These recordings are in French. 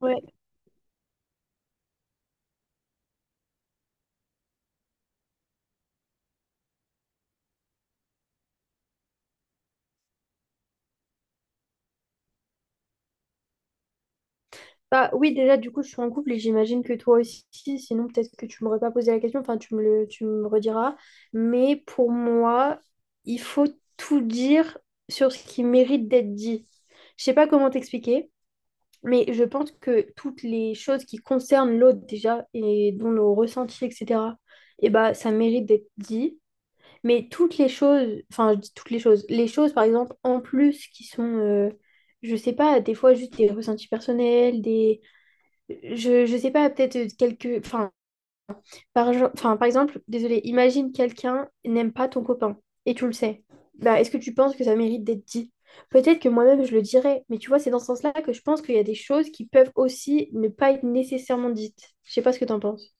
Ouais. Bah, oui, déjà, du coup, je suis en couple et j'imagine que toi aussi, sinon peut-être que tu m'aurais pas posé la question, enfin, tu me rediras. Mais pour moi, il faut tout dire sur ce qui mérite d'être dit. Je sais pas comment t'expliquer, mais je pense que toutes les choses qui concernent l'autre déjà et dont nos ressentis, etc., et bah, ça mérite d'être dit. Mais toutes les choses, enfin, je dis toutes les choses, par exemple, en plus qui sont, je sais pas, des fois juste des ressentis personnels, je sais pas, peut-être quelques. Enfin, enfin, par exemple, désolé, imagine quelqu'un n'aime pas ton copain et tu le sais. Bah, est-ce que tu penses que ça mérite d'être dit? Peut-être que moi-même je le dirais, mais tu vois, c'est dans ce sens-là que je pense qu'il y a des choses qui peuvent aussi ne pas être nécessairement dites. Je sais pas ce que t'en penses.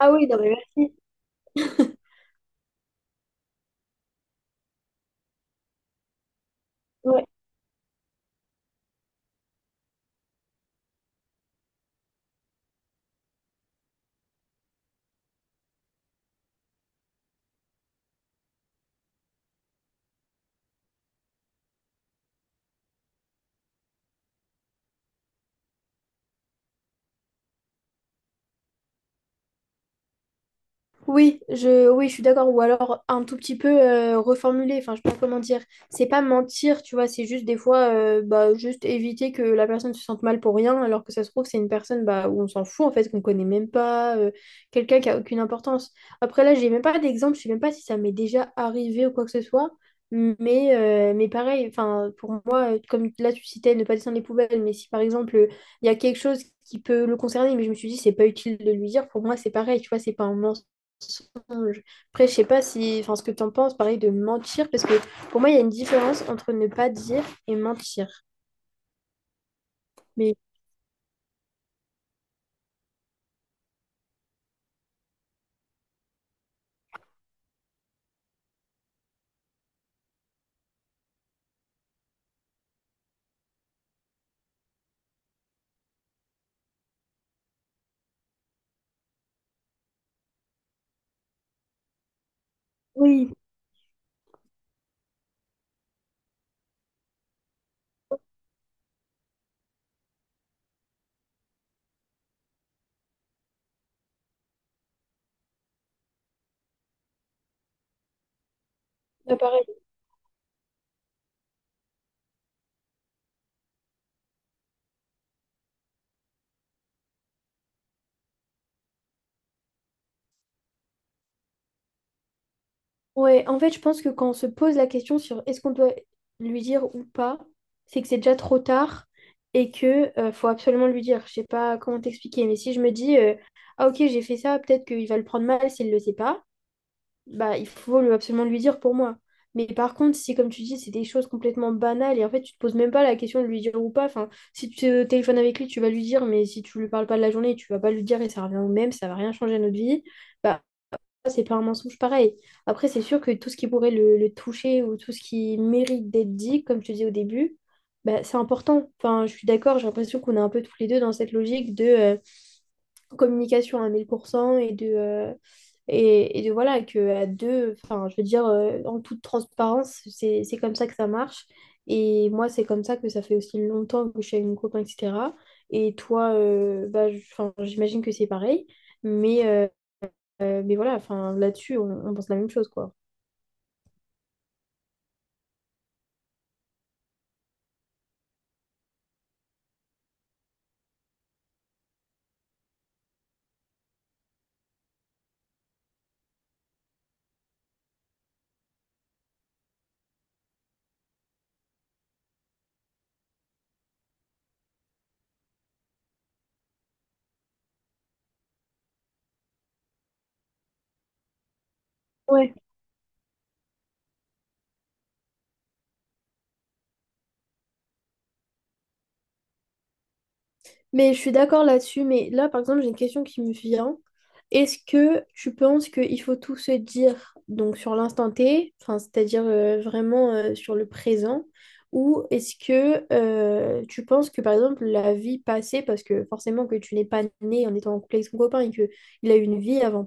Ah oui, non, mais merci. Ouais. Oui, oui, je suis d'accord. Ou alors un tout petit peu reformuler. Enfin, je sais pas comment dire. C'est pas mentir, tu vois. C'est juste des fois, bah, juste éviter que la personne se sente mal pour rien, alors que ça se trouve, c'est une personne bah, où on s'en fout, en fait, qu'on connaît même pas, quelqu'un qui a aucune importance. Après, là, j'ai même pas d'exemple. Je sais même pas si ça m'est déjà arrivé ou quoi que ce soit. Mais pareil, enfin, pour moi, comme là, tu citais ne pas descendre les poubelles, mais si par exemple, il y a quelque chose qui peut le concerner, mais je me suis dit, c'est pas utile de lui dire, pour moi, c'est pareil, tu vois, c'est pas un mensonge mensonge. Après, je sais pas si, enfin, ce que tu en penses, pareil, de mentir, parce que pour moi, il y a une différence entre ne pas dire et mentir. Mais oui, bah, pareil. Ouais, en fait, je pense que quand on se pose la question sur est-ce qu'on doit lui dire ou pas, c'est que c'est déjà trop tard et que faut absolument lui dire. Je sais pas comment t'expliquer, mais si je me dis, ah ok, j'ai fait ça, peut-être qu'il va le prendre mal s'il le sait pas. Bah, il faut absolument lui dire pour moi. Mais par contre, si comme tu dis, c'est des choses complètement banales et en fait, tu te poses même pas la question de lui dire ou pas. Enfin, si tu te téléphones avec lui, tu vas lui dire, mais si tu lui parles pas de la journée, tu vas pas lui dire et ça revient au même, ça va rien changer à notre vie. Bah, c'est pas un mensonge pareil. Après, c'est sûr que tout ce qui pourrait le toucher ou tout ce qui mérite d'être dit, comme je te disais au début, bah, c'est important. Enfin, je suis d'accord, j'ai l'impression qu'on est un peu tous les deux dans cette logique de communication à 1000% et et de voilà, que à deux, enfin, je veux dire, en toute transparence, c'est comme ça que ça marche. Et moi, c'est comme ça que ça fait aussi longtemps que je suis avec mon copain, etc. Et toi, bah, enfin, j'imagine que c'est pareil. Mais, euh, mais voilà, enfin, là-dessus, on pense la même chose, quoi. Mais je suis d'accord là-dessus, mais là, par exemple, j'ai une question qui me vient. Est-ce que tu penses qu'il faut tout se dire donc sur l'instant T, enfin, c'est-à-dire vraiment sur le présent, ou est-ce que tu penses que, par exemple, la vie passée, parce que forcément que tu n'es pas né en étant en couple avec ton copain et qu'il a eu une vie avant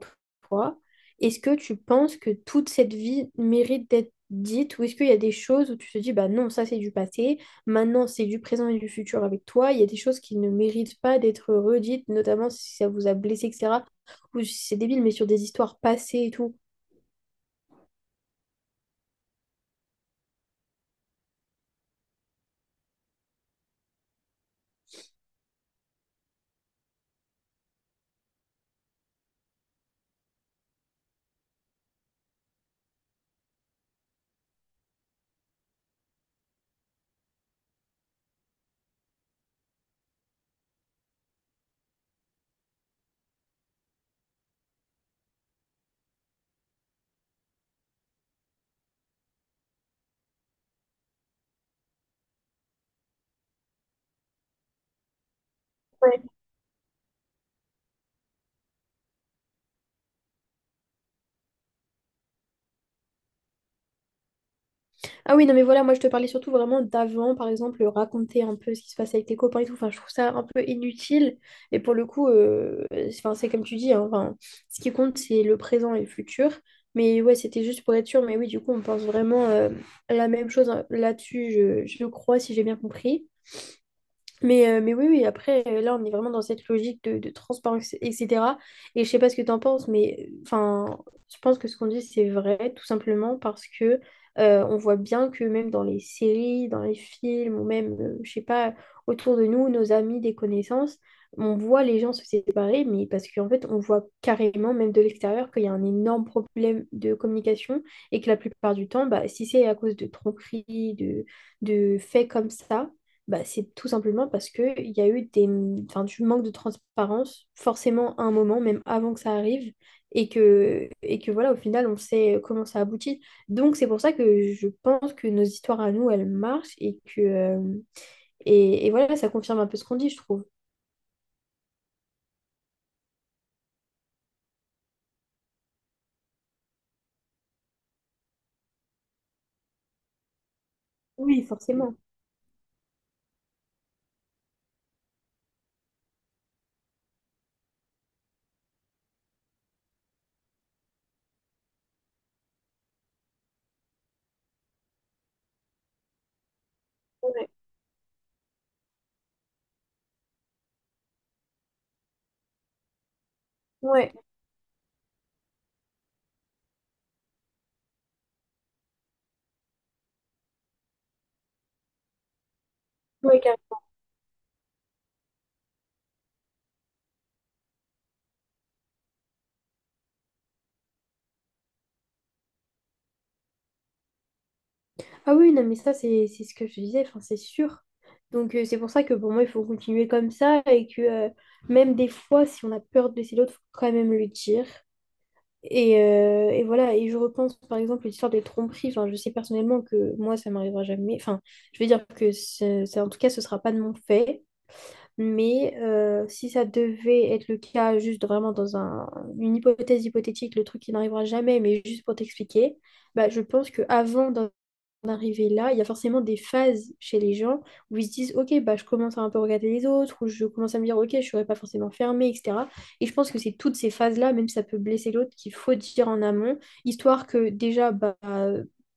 toi, est-ce que tu penses que toute cette vie mérite d'être dite, ou est-ce qu'il y a des choses où tu te dis, bah non, ça c'est du passé. maintenant, c'est du présent et du futur avec toi. Il y a des choses qui ne méritent pas d'être redites, notamment si ça vous a blessé, etc. Ou si c'est débile, mais sur des histoires passées et tout. Ouais. Ah oui, non, mais voilà, moi je te parlais surtout vraiment d'avant, par exemple, raconter un peu ce qui se passe avec tes copains et tout. Enfin, je trouve ça un peu inutile. Et pour le coup, c'est enfin, c'est comme tu dis, hein, enfin, ce qui compte, c'est le présent et le futur. Mais ouais, c'était juste pour être sûr. Mais oui, du coup, on pense vraiment la même chose hein, là-dessus, je crois, si j'ai bien compris. Mais oui, oui, après, là, on est vraiment dans cette logique de transparence, etc. Et je sais pas ce que tu en penses, mais enfin, je pense que ce qu'on dit, c'est vrai, tout simplement parce que on voit bien que même dans les séries, dans les films, ou même, je sais pas, autour de nous, nos amis, des connaissances, on voit les gens se séparer, mais parce qu'en fait, on voit carrément, même de l'extérieur, qu'il y a un énorme problème de communication et que la plupart du temps, bah, si c'est à cause de tronqueries, de faits comme ça, bah, c'est tout simplement parce qu'il y a eu des, enfin, du manque de transparence, forcément à un moment, même avant que ça arrive, et que voilà, au final, on sait comment ça aboutit. Donc, c'est pour ça que je pense que nos histoires à nous, elles marchent, et que, voilà, ça confirme un peu ce qu'on dit, je trouve. Oui, forcément. Ouais, ouais, ouais, carrément. Ah oui, non, mais ça, c'est ce que je te disais, enfin, c'est sûr. Donc, c'est pour ça que pour moi, il faut continuer comme ça, et que même des fois, si on a peur de blesser l'autre, faut quand même le dire. Et voilà, et je repense par exemple à l'histoire des tromperies. Enfin, je sais personnellement que moi, ça m'arrivera jamais. Enfin, je veux dire que en tout cas, ce sera pas de mon fait. Mais si ça devait être le cas, juste vraiment dans une hypothèse hypothétique, le truc qui n'arrivera jamais, mais juste pour t'expliquer, bah, je pense que avant en arriver là, il y a forcément des phases chez les gens où ils se disent, ok, bah, je commence à un peu regarder les autres, ou je commence à me dire, ok, je ne serai pas forcément fermée, etc. Et je pense que c'est toutes ces phases-là, même si ça peut blesser l'autre, qu'il faut dire en amont, histoire que déjà, bah,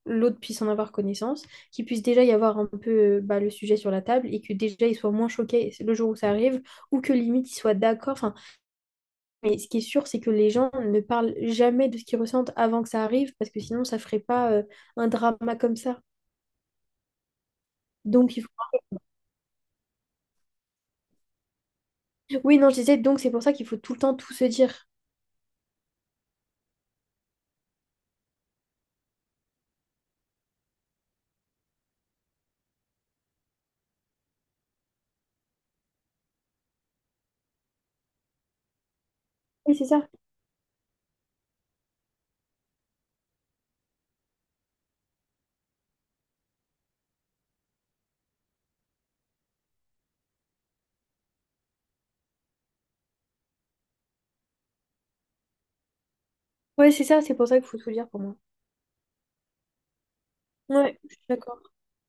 l'autre puisse en avoir connaissance, qu'il puisse déjà y avoir un peu bah, le sujet sur la table, et que déjà, il soit moins choqué le jour où ça arrive, ou que limite, il soit d'accord. Enfin, mais ce qui est sûr, c'est que les gens ne parlent jamais de ce qu'ils ressentent avant que ça arrive, parce que sinon, ça ferait pas un drama comme ça. Donc, il Oui, non, je disais, donc c'est pour ça qu'il faut tout le temps tout se dire. Oui, c'est ça. Ouais, c'est ça, c'est pour ça qu'il faut tout dire pour moi. Ouais, je suis d'accord.